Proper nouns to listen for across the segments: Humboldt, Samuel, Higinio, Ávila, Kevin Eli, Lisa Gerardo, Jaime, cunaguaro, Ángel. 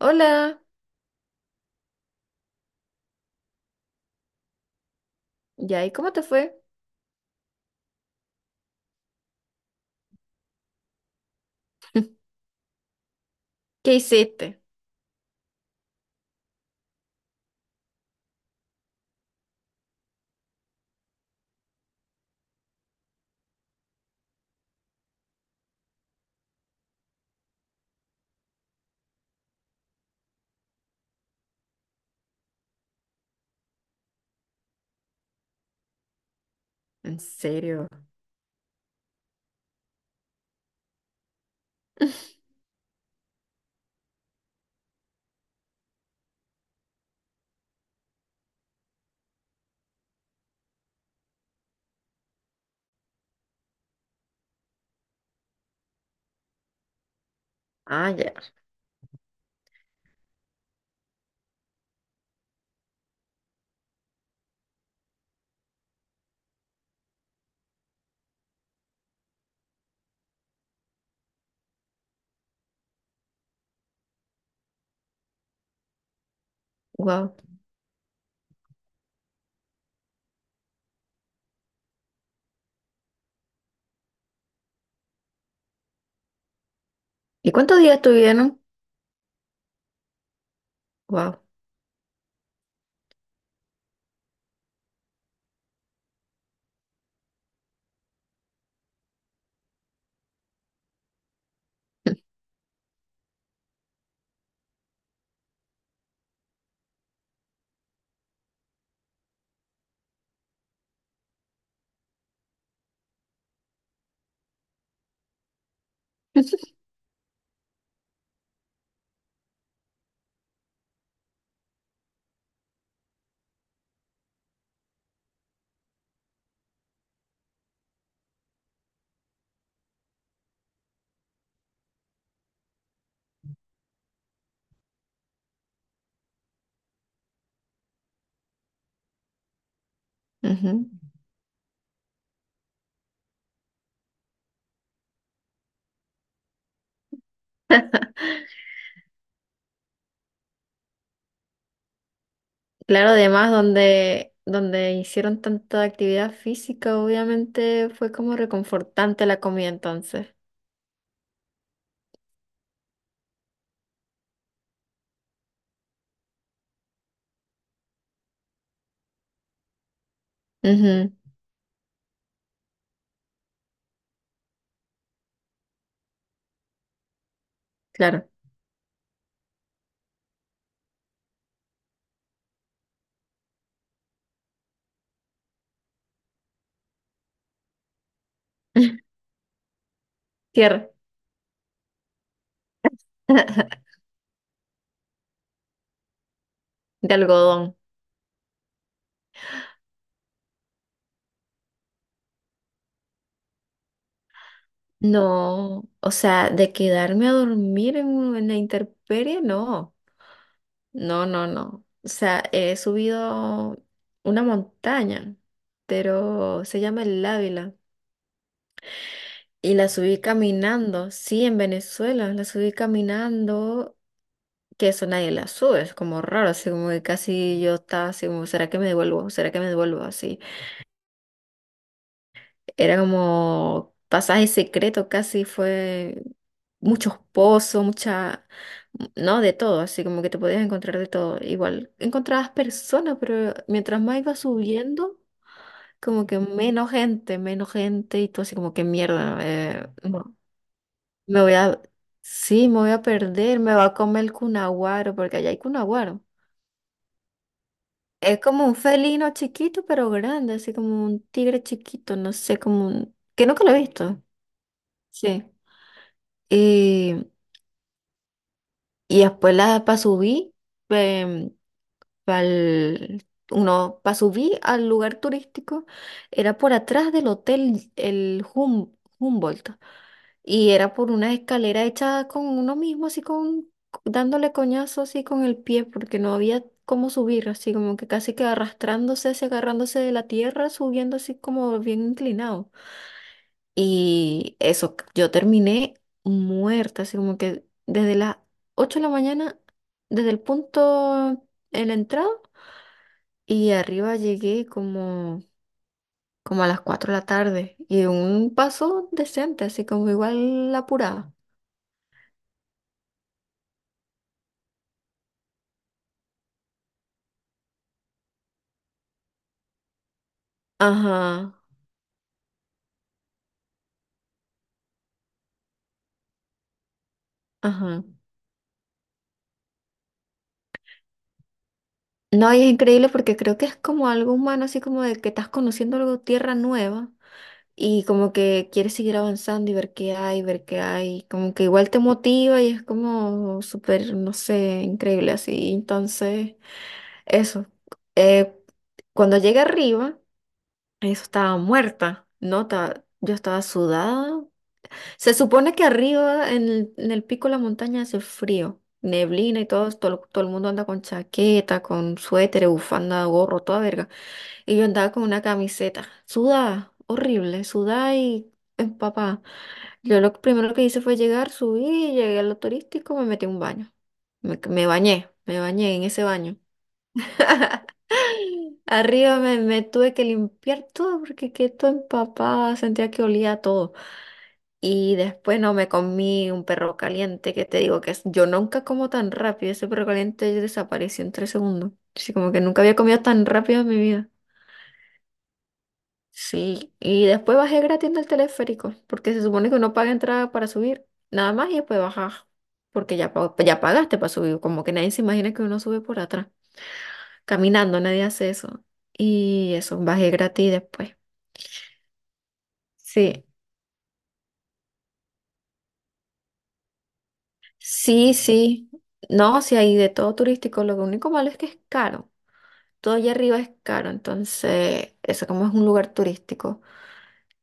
Hola, ya, ¿y cómo te fue? ¿Qué hiciste? ¿En serio? Ah, ya. Wow. ¿Y cuántos días estuvieron? Wow. Ujú. Claro, además donde hicieron tanta actividad física, obviamente fue como reconfortante la comida entonces. Ujú, claro. Tierra. De algodón. No, o sea, de quedarme a dormir en la intemperie, no. No, no, no. O sea, he subido una montaña, pero se llama el Ávila. Y la subí caminando, sí, en Venezuela, la subí caminando, que eso nadie la sube, es como raro, así como que casi yo estaba así como, ¿será que me devuelvo? ¿Será que me devuelvo? Así. Era como pasaje secreto, casi fue muchos pozos, mucha, no, de todo, así como que te podías encontrar de todo. Igual encontrabas personas, pero mientras más ibas subiendo, como que menos gente, y tú así como que mierda, no, me voy a, sí, me voy a perder, me va a comer el cunaguaro, porque allá hay cunaguaro. Es como un felino chiquito, pero grande, así como un tigre chiquito, no sé, como un... que nunca lo he visto. Sí. Y, y después la pa subí, em, pa'l- uno pa subí al lugar turístico, era por atrás del hotel el Humboldt y era por una escalera hecha con uno mismo, así con dándole coñazo así con el pie porque no había cómo subir, así como que casi que arrastrándose, así agarrándose de la tierra, subiendo así como bien inclinado. Y eso, yo terminé muerta, así como que desde las 8 de la mañana, desde el punto en la entrada, y arriba llegué como a las 4 de la tarde. Y un paso decente, así como igual apurada. Ajá, ajá. No, y es increíble porque creo que es como algo humano, así como de que estás conociendo algo, tierra nueva. Y como que quieres seguir avanzando y ver qué hay, como que igual te motiva y es como súper, no sé, increíble así. Entonces, eso. Eh, cuando llegué arriba, eso estaba muerta, ¿no? Yo estaba sudada. Se supone que arriba, en el pico de la montaña, hace frío. Neblina y todo, todo, todo el mundo anda con chaqueta, con suéter, bufanda, gorro, toda verga. Y yo andaba con una camiseta, sudada, horrible, sudada y empapada. Yo lo primero que hice fue llegar, subí, llegué a lo turístico, me metí a un baño. Me bañé, me bañé en ese baño. Arriba me tuve que limpiar todo porque quedé todo empapada, sentía que olía a todo. Y después no me comí un perro caliente, que te digo que yo nunca como tan rápido, ese perro caliente desapareció en 3 segundos. Así como que nunca había comido tan rápido en mi vida. Sí, y después bajé gratis del teleférico, porque se supone que uno paga entrada para subir, nada más y después bajas, porque ya, ya pagaste para subir, como que nadie se imagina que uno sube por atrás, caminando, nadie hace eso. Y eso, bajé gratis después. Sí, sí, sí. No, sí hay de todo turístico, lo único malo es que es caro, todo allá arriba es caro, entonces eso como es un lugar turístico.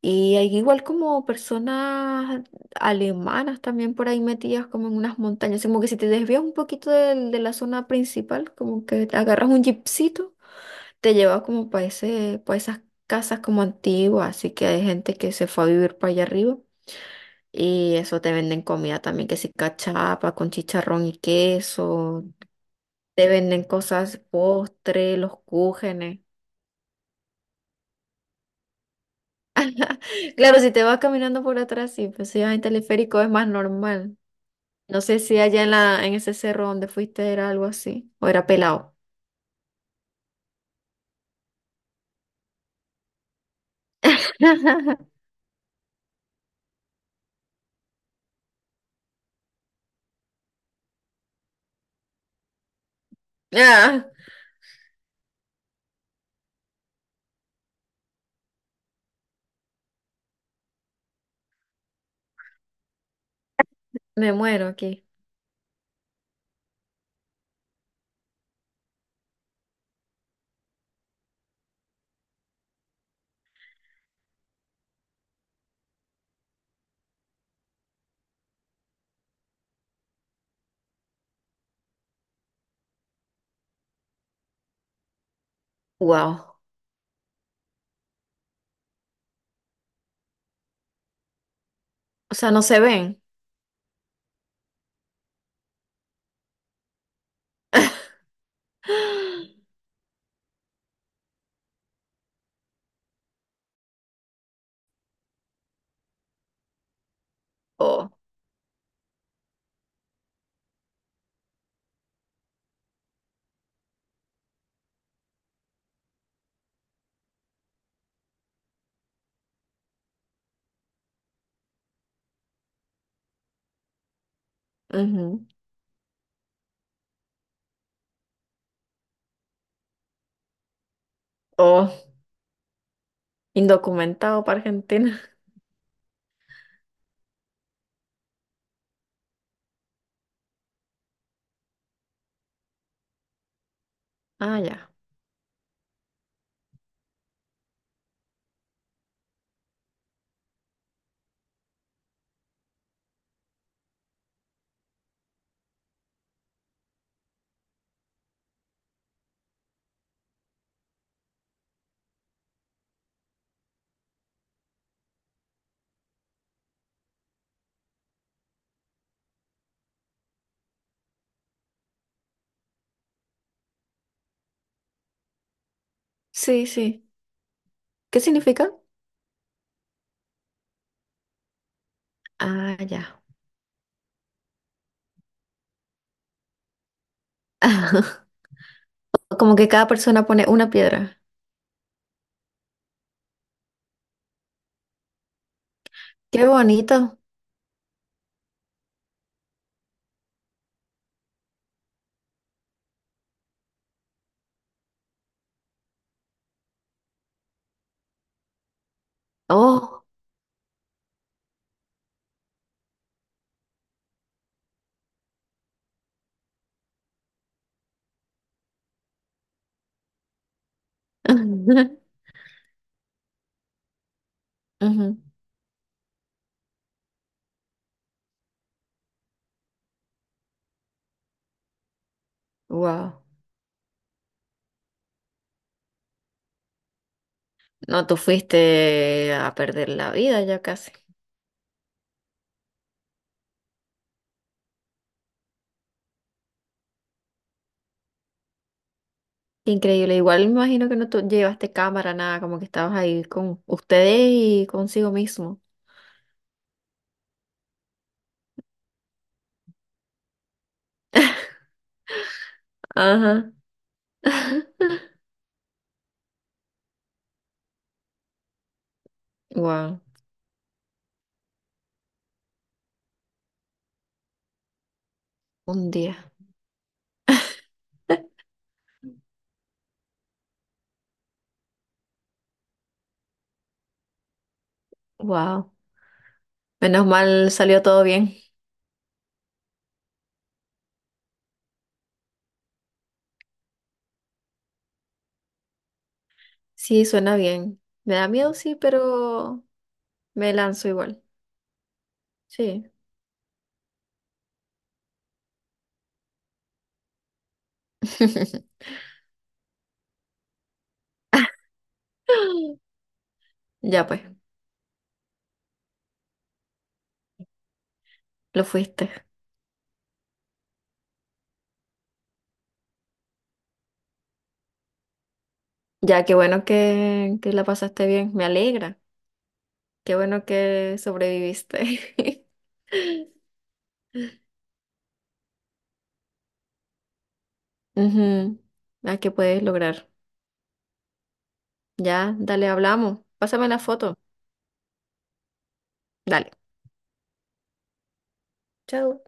Y hay igual como personas alemanas también por ahí metidas como en unas montañas. Como que si te desvías un poquito de, la zona principal, como que te agarras un jeepcito, te lleva como para esas casas como antiguas. Así que hay gente que se fue a vivir para allá arriba. Y eso te venden comida también, que si cachapa con chicharrón y queso. Te venden cosas, postre, los cúgenes. Claro, si te vas caminando por atrás, sí, pues si vas en teleférico es más normal. No sé si allá en la, en ese cerro donde fuiste era algo así, o era pelado. Ah, me muero aquí. Wow. O sea, no se ven. Oh, ujú. Oh, indocumentado para Argentina. Ah, ya. Sí, sí. ¿Qué significa? Ah, ya. Como que cada persona pone una piedra. Qué bonito. Oh. Wow. No, tú fuiste a perder la vida ya casi. Qué increíble, igual me imagino que no llevaste cámara, nada, como que estabas ahí con ustedes y consigo mismo. Ajá. Wow, un día. Wow. Menos mal salió todo bien. Sí, suena bien. Me da miedo, sí, pero me lanzo igual. Sí. Ya pues, lo fuiste. Ya, qué bueno que la pasaste bien. Me alegra. Qué bueno que sobreviviste. Ujú. A que puedes lograr. Ya, dale, hablamos. Pásame la foto. Dale. Chao.